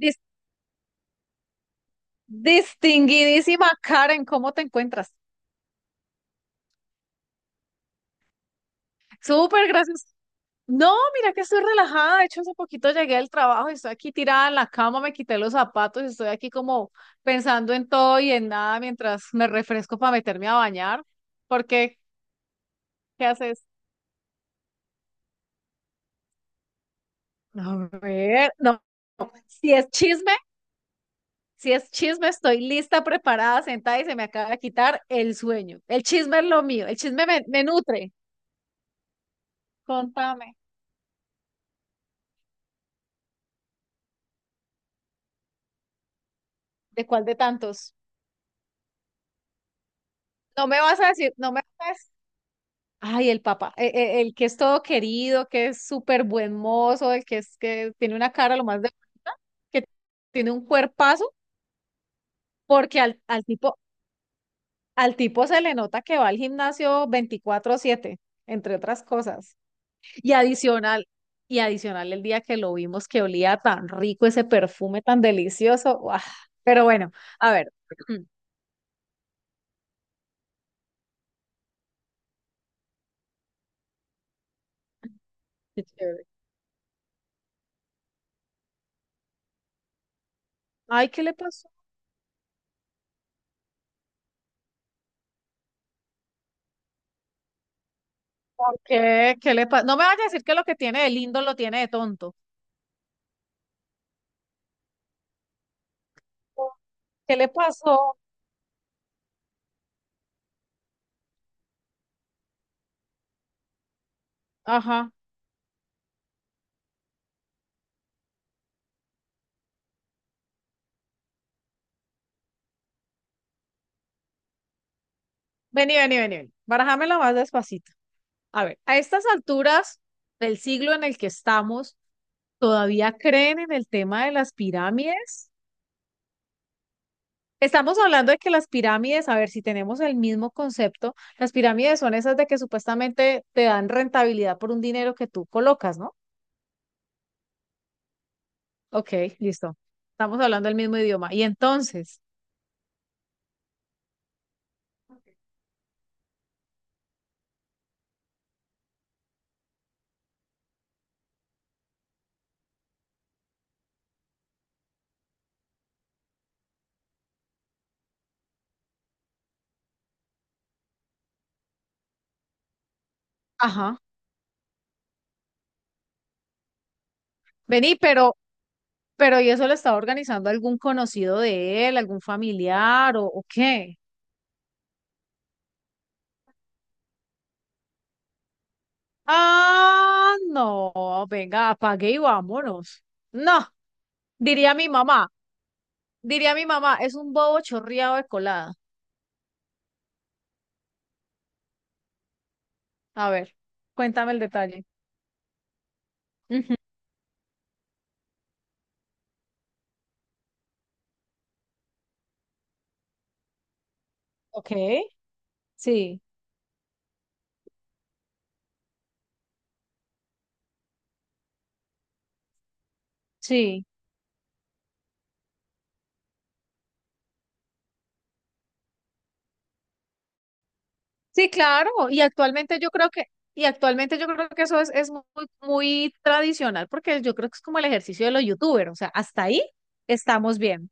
Dis- Distinguidísima Karen, ¿cómo te encuentras? Súper, gracias. No, mira que estoy relajada. De hecho, hace poquito llegué al trabajo y estoy aquí tirada en la cama, me quité los zapatos y estoy aquí como pensando en todo y en nada mientras me refresco para meterme a bañar. ¿Por qué? ¿Qué haces? A ver, no. Si es chisme, si es chisme, estoy lista, preparada, sentada y se me acaba de quitar el sueño. El chisme es lo mío, el chisme me nutre. Contame, ¿de cuál de tantos? No me vas a decir, no me vas a decir, ay, el papá, el, que es todo querido, que es súper buen mozo, el que es que tiene una cara lo más de bonita, que tiene un cuerpazo, porque al tipo se le nota que va al gimnasio 24/7 entre otras cosas. Y adicional, y adicional el día que lo vimos que olía tan rico ese perfume tan delicioso. ¡Guau! Pero bueno, a ver. Qué chévere. Ay, ¿qué le pasó? ¿Por qué? ¿Qué le pasó? No me vayas a decir que lo que tiene de lindo lo tiene de tonto. ¿Qué le pasó? Ajá. Vení, vení, vení, vení. Barajámela más despacito. A ver, a estas alturas del siglo en el que estamos, ¿todavía creen en el tema de las pirámides? Estamos hablando de que las pirámides, a ver si tenemos el mismo concepto, las pirámides son esas de que supuestamente te dan rentabilidad por un dinero que tú colocas, ¿no? Ok, listo. Estamos hablando el mismo idioma. Y entonces, ajá. Vení, pero ¿y eso lo estaba organizando algún conocido de él, algún familiar o qué? Ah, no, venga, apague y vámonos. No, diría mi mamá, diría mi mamá, es un bobo chorreado de colada. A ver, cuéntame el detalle. Ujú, Ok, sí, sí. Sí, claro, y actualmente yo creo que es muy, muy tradicional, porque yo creo que es como el ejercicio de los youtubers, o sea, hasta ahí estamos bien.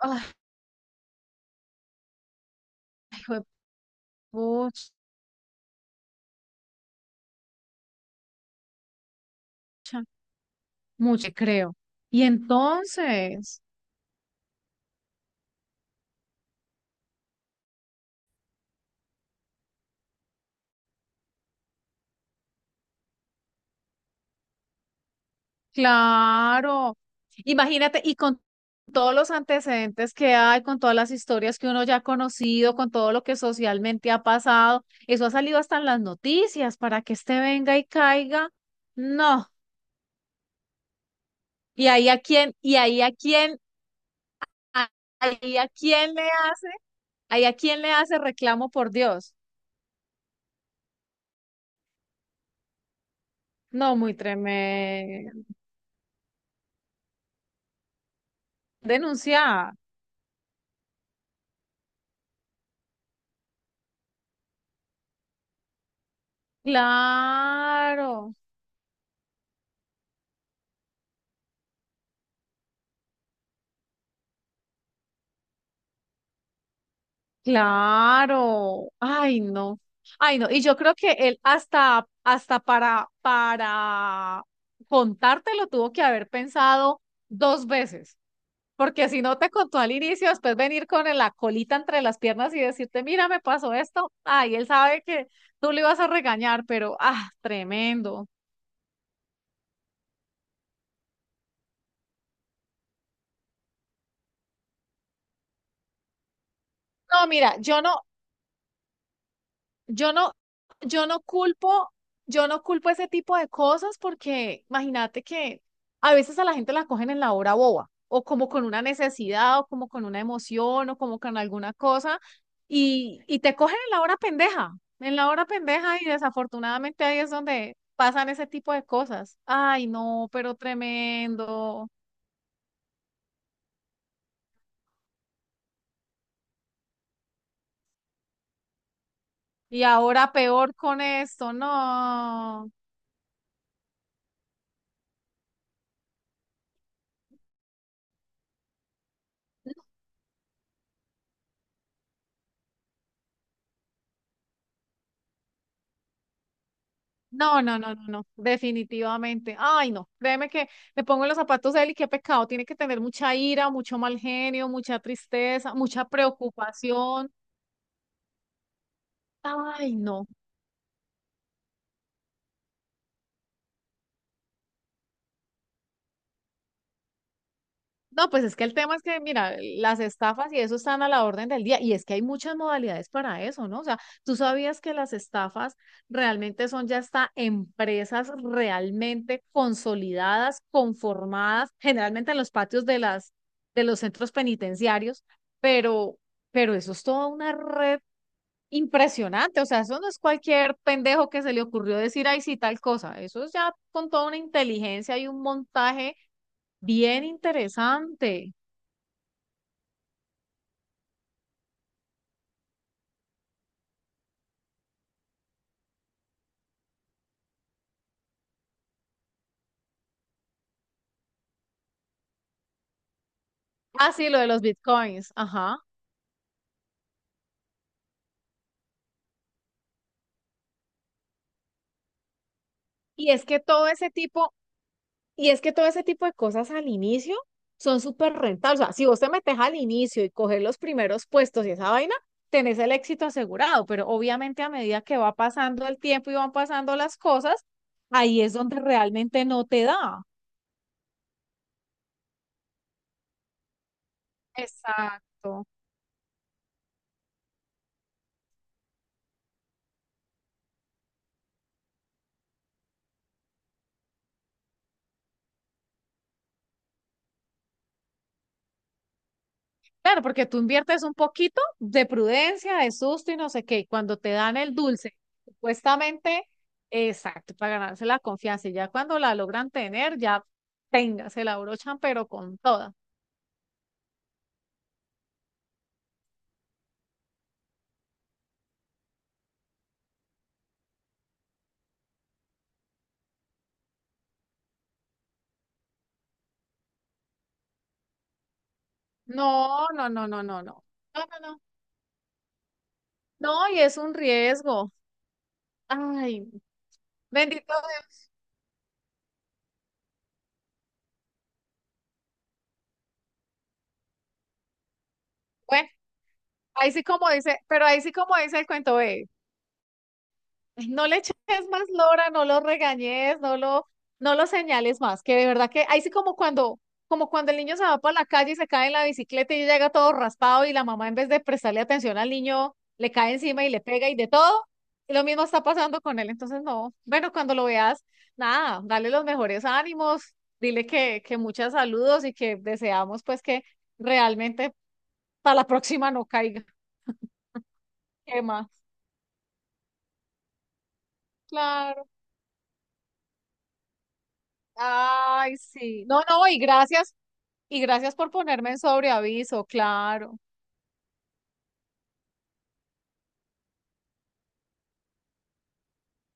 Ay, pucha, mucho creo. Y entonces, claro. Imagínate, y con todos los antecedentes que hay, con todas las historias que uno ya ha conocido, con todo lo que socialmente ha pasado, eso ha salido hasta en las noticias para que este venga y caiga. No. Y ahí a quién, y ahí a quién, a- ahí a quién le hace, ahí a quién le hace reclamo por Dios. No, muy tremendo. Denunciar. Claro. Claro, ay no, y yo creo que él hasta, hasta para contártelo tuvo que haber pensado 2 veces, porque si no te contó al inicio, después venir con la colita entre las piernas y decirte, mira, me pasó esto, ay, él sabe que tú le ibas a regañar, pero, ah, tremendo. No, mira, yo no, Yo no, yo no culpo, Yo no culpo ese tipo de cosas porque imagínate que a veces a la gente la cogen en la hora boba, o como con una necesidad, o como con una emoción, o como con alguna cosa, y te cogen en la hora pendeja, y desafortunadamente ahí es donde pasan ese tipo de cosas. Ay, no, pero tremendo. Y ahora peor con esto, no. No, no, no, no, no, definitivamente. Ay, no, créeme que me pongo en los zapatos de él y qué pecado. Tiene que tener mucha ira, mucho mal genio, mucha tristeza, mucha preocupación. Ay, no. No, pues es que el tema es que, mira, las estafas y eso están a la orden del día y es que hay muchas modalidades para eso, ¿no? O sea, tú sabías que las estafas realmente son ya hasta empresas realmente consolidadas, conformadas, generalmente en los patios de las de los centros penitenciarios, pero pero eso es toda una red impresionante, o sea, eso no es cualquier pendejo que se le ocurrió decir, ay, sí, tal cosa, eso es ya con toda una inteligencia y un montaje bien interesante. Ah, sí, lo de los bitcoins, ajá. Y es que todo ese tipo, y es que todo ese tipo de cosas al inicio son súper rentables. O sea, si vos te metes al inicio y coges los primeros puestos y esa vaina, tenés el éxito asegurado. Pero obviamente a medida que va pasando el tiempo y van pasando las cosas, ahí es donde realmente no te da. Exacto. Claro, porque tú inviertes un poquito de prudencia, de susto y no sé qué. Y cuando te dan el dulce, supuestamente, exacto, para ganarse la confianza. Y ya cuando la logran tener, ya tenga, se la abrochan, pero con toda. No, no, no, no, no, no. No, no, no. No, y es un riesgo. Ay, bendito Dios. Bueno, ahí sí como dice, pero ahí sí como dice el cuento, ve, ay, no le eches más lora, no lo regañes, no lo señales más, que de verdad que ahí sí como cuando el niño se va para la calle y se cae en la bicicleta y llega todo raspado y la mamá en vez de prestarle atención al niño le cae encima y le pega y de todo, y lo mismo está pasando con él, entonces no, bueno, cuando lo veas, nada, dale los mejores ánimos, dile que muchos saludos y que deseamos pues que realmente para la próxima no caiga. ¿Qué más? Claro. Ay, sí. No, no, y gracias. Y gracias por ponerme en sobreaviso, claro.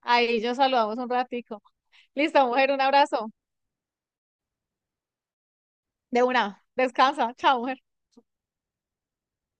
Ahí yo saludamos un ratico. Listo, mujer, un abrazo. De una. Descansa. Chao, mujer.